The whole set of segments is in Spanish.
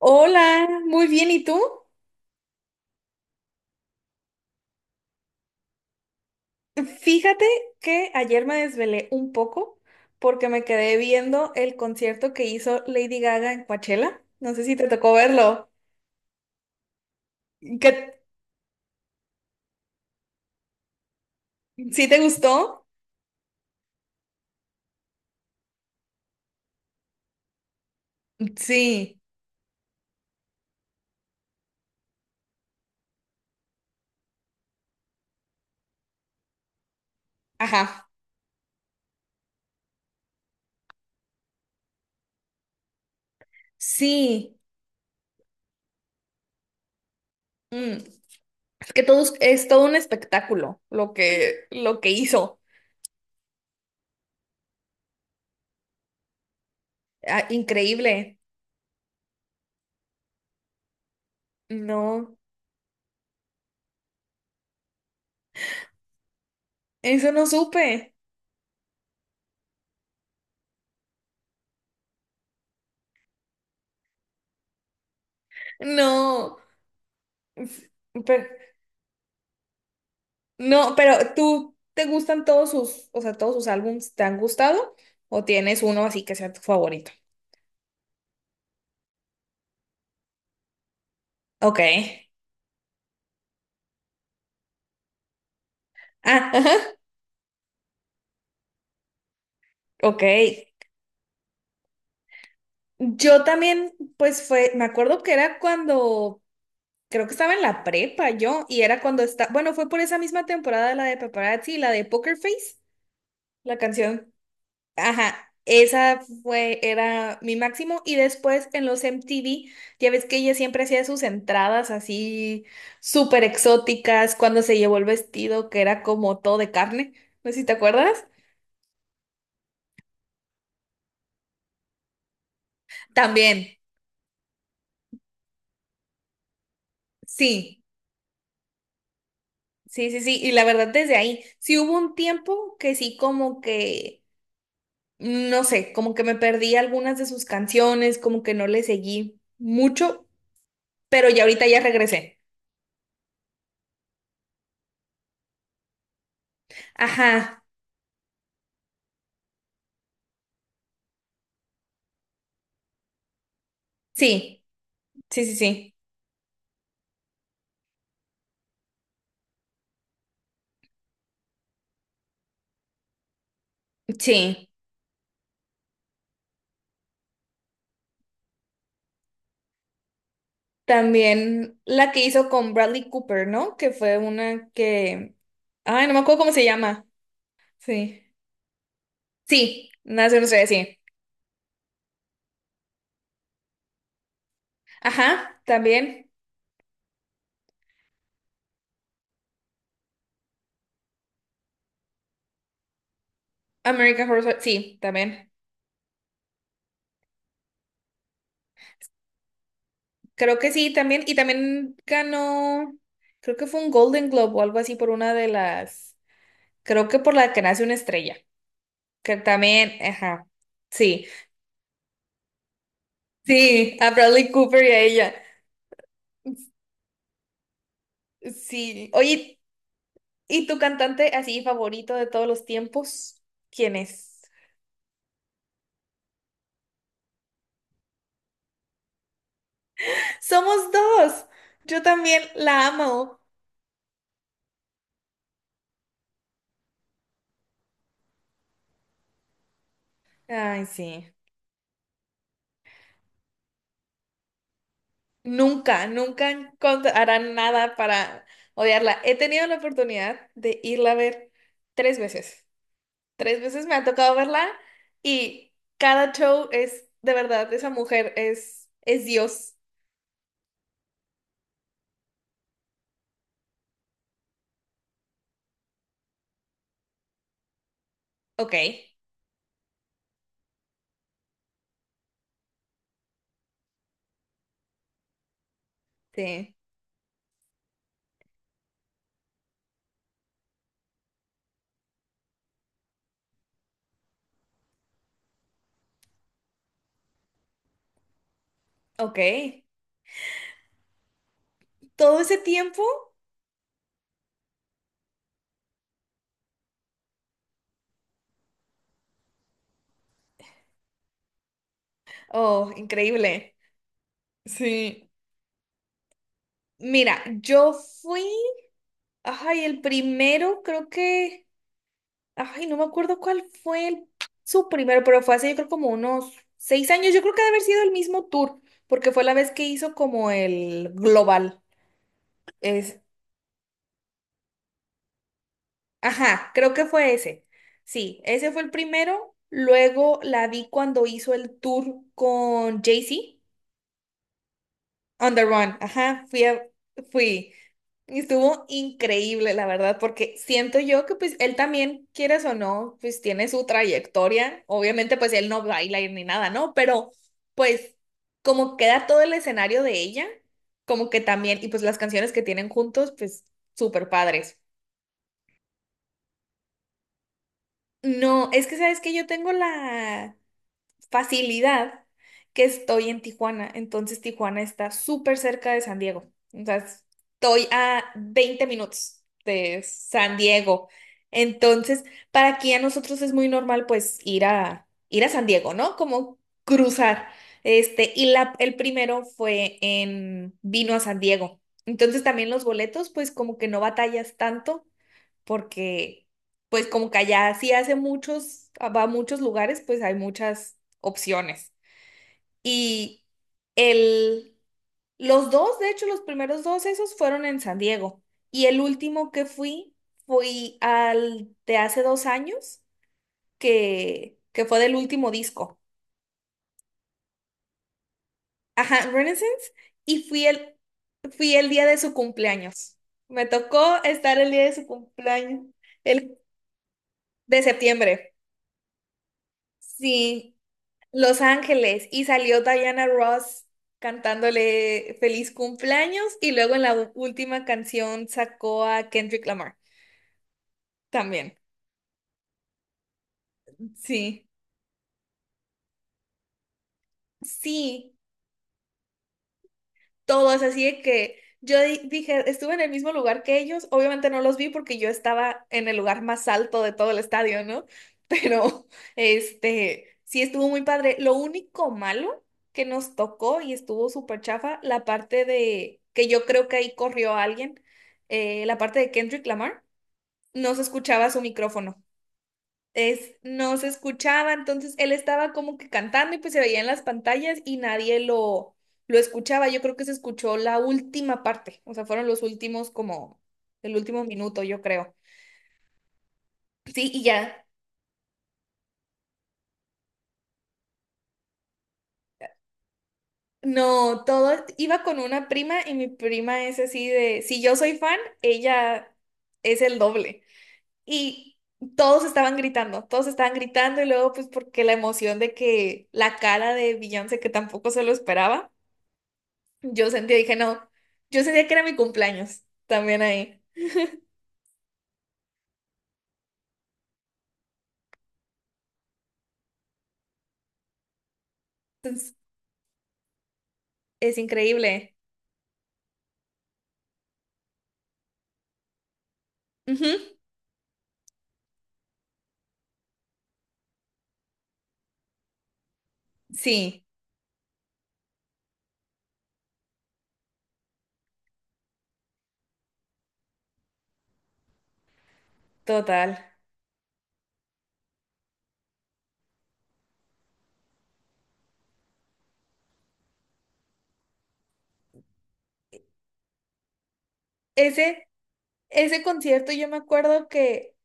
Hola, muy bien, ¿y tú? Fíjate que ayer me desvelé un poco porque me quedé viendo el concierto que hizo Lady Gaga en Coachella. No sé si te tocó verlo. ¿Qué, sí te gustó? Sí, ajá. Sí. Mm, Es que todo es todo un espectáculo lo que hizo. Ah, increíble. No, eso no supe. No, pero No, pero ¿tú te gustan todos sus, o sea, todos sus álbumes te han gustado? ¿O tienes uno así que sea tu favorito? Ok. Ah, ajá, ok. Yo también, pues fue, me acuerdo que era cuando, creo que estaba en la prepa yo, y era cuando está, bueno, fue por esa misma temporada la de Paparazzi y la de Poker Face, la canción. Ajá, esa fue, era mi máximo. Y después en los MTV, ya ves que ella siempre hacía sus entradas así súper exóticas cuando se llevó el vestido que era como todo de carne. No sé si te acuerdas. También, sí, sí, sí, sí. Y la verdad, desde ahí, sí hubo un tiempo que sí como que, no sé, como que me perdí algunas de sus canciones, como que no le seguí mucho, pero ya ahorita ya regresé. Ajá, sí, sí, sí, sí, sí. También la que hizo con Bradley Cooper, ¿no? Que fue una que... Ay, no me acuerdo cómo se llama. Sí. Sí, nace no sé, sí. Ajá, también. American Horror Story, sí, también. Creo que sí, también. Y también ganó, creo que fue un Golden Globe o algo así por una de las, creo que por la que nace una estrella. Que también, ajá. Sí, sí, a Bradley Cooper y a ella. Sí. Oye, ¿y tu cantante así favorito de todos los tiempos? ¿Quién es? Somos dos. Yo también la amo. Ay, sí. Nunca, harán nada para odiarla. He tenido la oportunidad de irla a ver tres veces. Tres veces me ha tocado verla y cada show es, de verdad, esa mujer es Dios. Ok, sí, ok. Todo ese tiempo, oh, increíble. Sí. Mira, yo fui, ay, el primero creo que, ay, no me acuerdo cuál fue su primero, pero fue hace yo creo como unos 6 años, yo creo que debe haber sido el mismo tour, porque fue la vez que hizo como el global, es, ajá, creo que fue ese, sí, ese fue el primero, luego la vi cuando hizo el tour con Jay-Z, On the Run, ajá, fui. Y estuvo increíble, la verdad, porque siento yo que pues él también, quieras o no, pues tiene su trayectoria. Obviamente pues él no baila ni nada, ¿no? Pero pues como queda todo el escenario de ella, como que también, y pues las canciones que tienen juntos, pues súper padres. No, es que sabes que yo tengo la facilidad que estoy en Tijuana. Entonces Tijuana está súper cerca de San Diego. O sea, estoy a 20 minutos de San Diego. Entonces, para aquí a nosotros es muy normal pues ir a San Diego, ¿no? Como cruzar. Este, y el primero fue en vino a San Diego. Entonces también los boletos, pues como que no batallas tanto porque pues como que allá sí hace muchos, va a muchos lugares, pues hay muchas opciones. Y el, los dos, de hecho, los primeros dos esos fueron en San Diego. Y el último que fui, fui al de hace 2 años, que fue del último disco. Ajá, Renaissance. Y fui fui el día de su cumpleaños. Me tocó estar el día de su cumpleaños, el de septiembre. Sí, Los Ángeles y salió Diana Ross cantándole feliz cumpleaños y luego en la última canción sacó a Kendrick Lamar también. Sí. Sí, todos, así de que yo dije, estuve en el mismo lugar que ellos, obviamente no los vi porque yo estaba en el lugar más alto de todo el estadio, ¿no? Pero, este, sí estuvo muy padre. Lo único malo que nos tocó y estuvo súper chafa, la parte de, que yo creo que ahí corrió alguien, la parte de Kendrick Lamar, no se escuchaba su micrófono no se escuchaba, entonces él estaba como que cantando y pues se veía en las pantallas y nadie lo escuchaba. Yo creo que se escuchó la última parte, o sea, fueron los últimos como el último minuto, yo creo. Sí, y ya. No, todo iba con una prima y mi prima es así de, si yo soy fan, ella es el doble. Y todos estaban gritando y luego pues porque la emoción de que la cara de Beyoncé que tampoco se lo esperaba. Yo sentía, dije, no, yo sentía que era mi cumpleaños también ahí. Entonces, es increíble. Ujú, sí, total. Ese, ese concierto yo me acuerdo que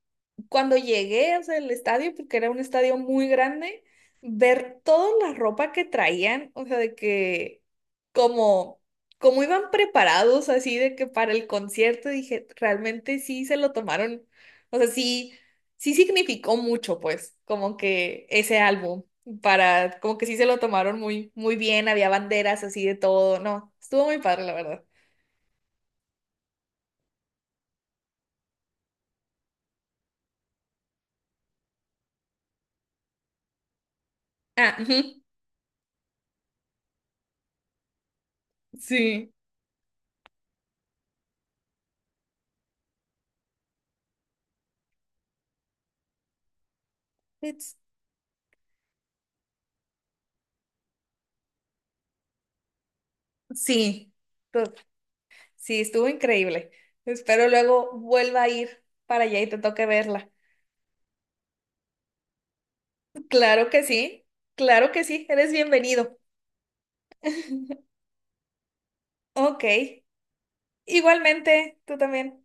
cuando llegué, o sea, al estadio, porque era un estadio muy grande, ver toda la ropa que traían, o sea, de que como, como iban preparados así de que para el concierto, dije, realmente sí se lo tomaron, o sea, sí, sí significó mucho, pues, como que ese álbum, como que sí se lo tomaron muy, muy bien, había banderas así de todo, no, estuvo muy padre, la verdad. Ah, ujú, sí, It's- sí. to- Sí, estuvo increíble. Espero luego vuelva a ir para allá y te toque verla. Claro que sí, claro que sí, eres bienvenido. Ok, igualmente, tú también.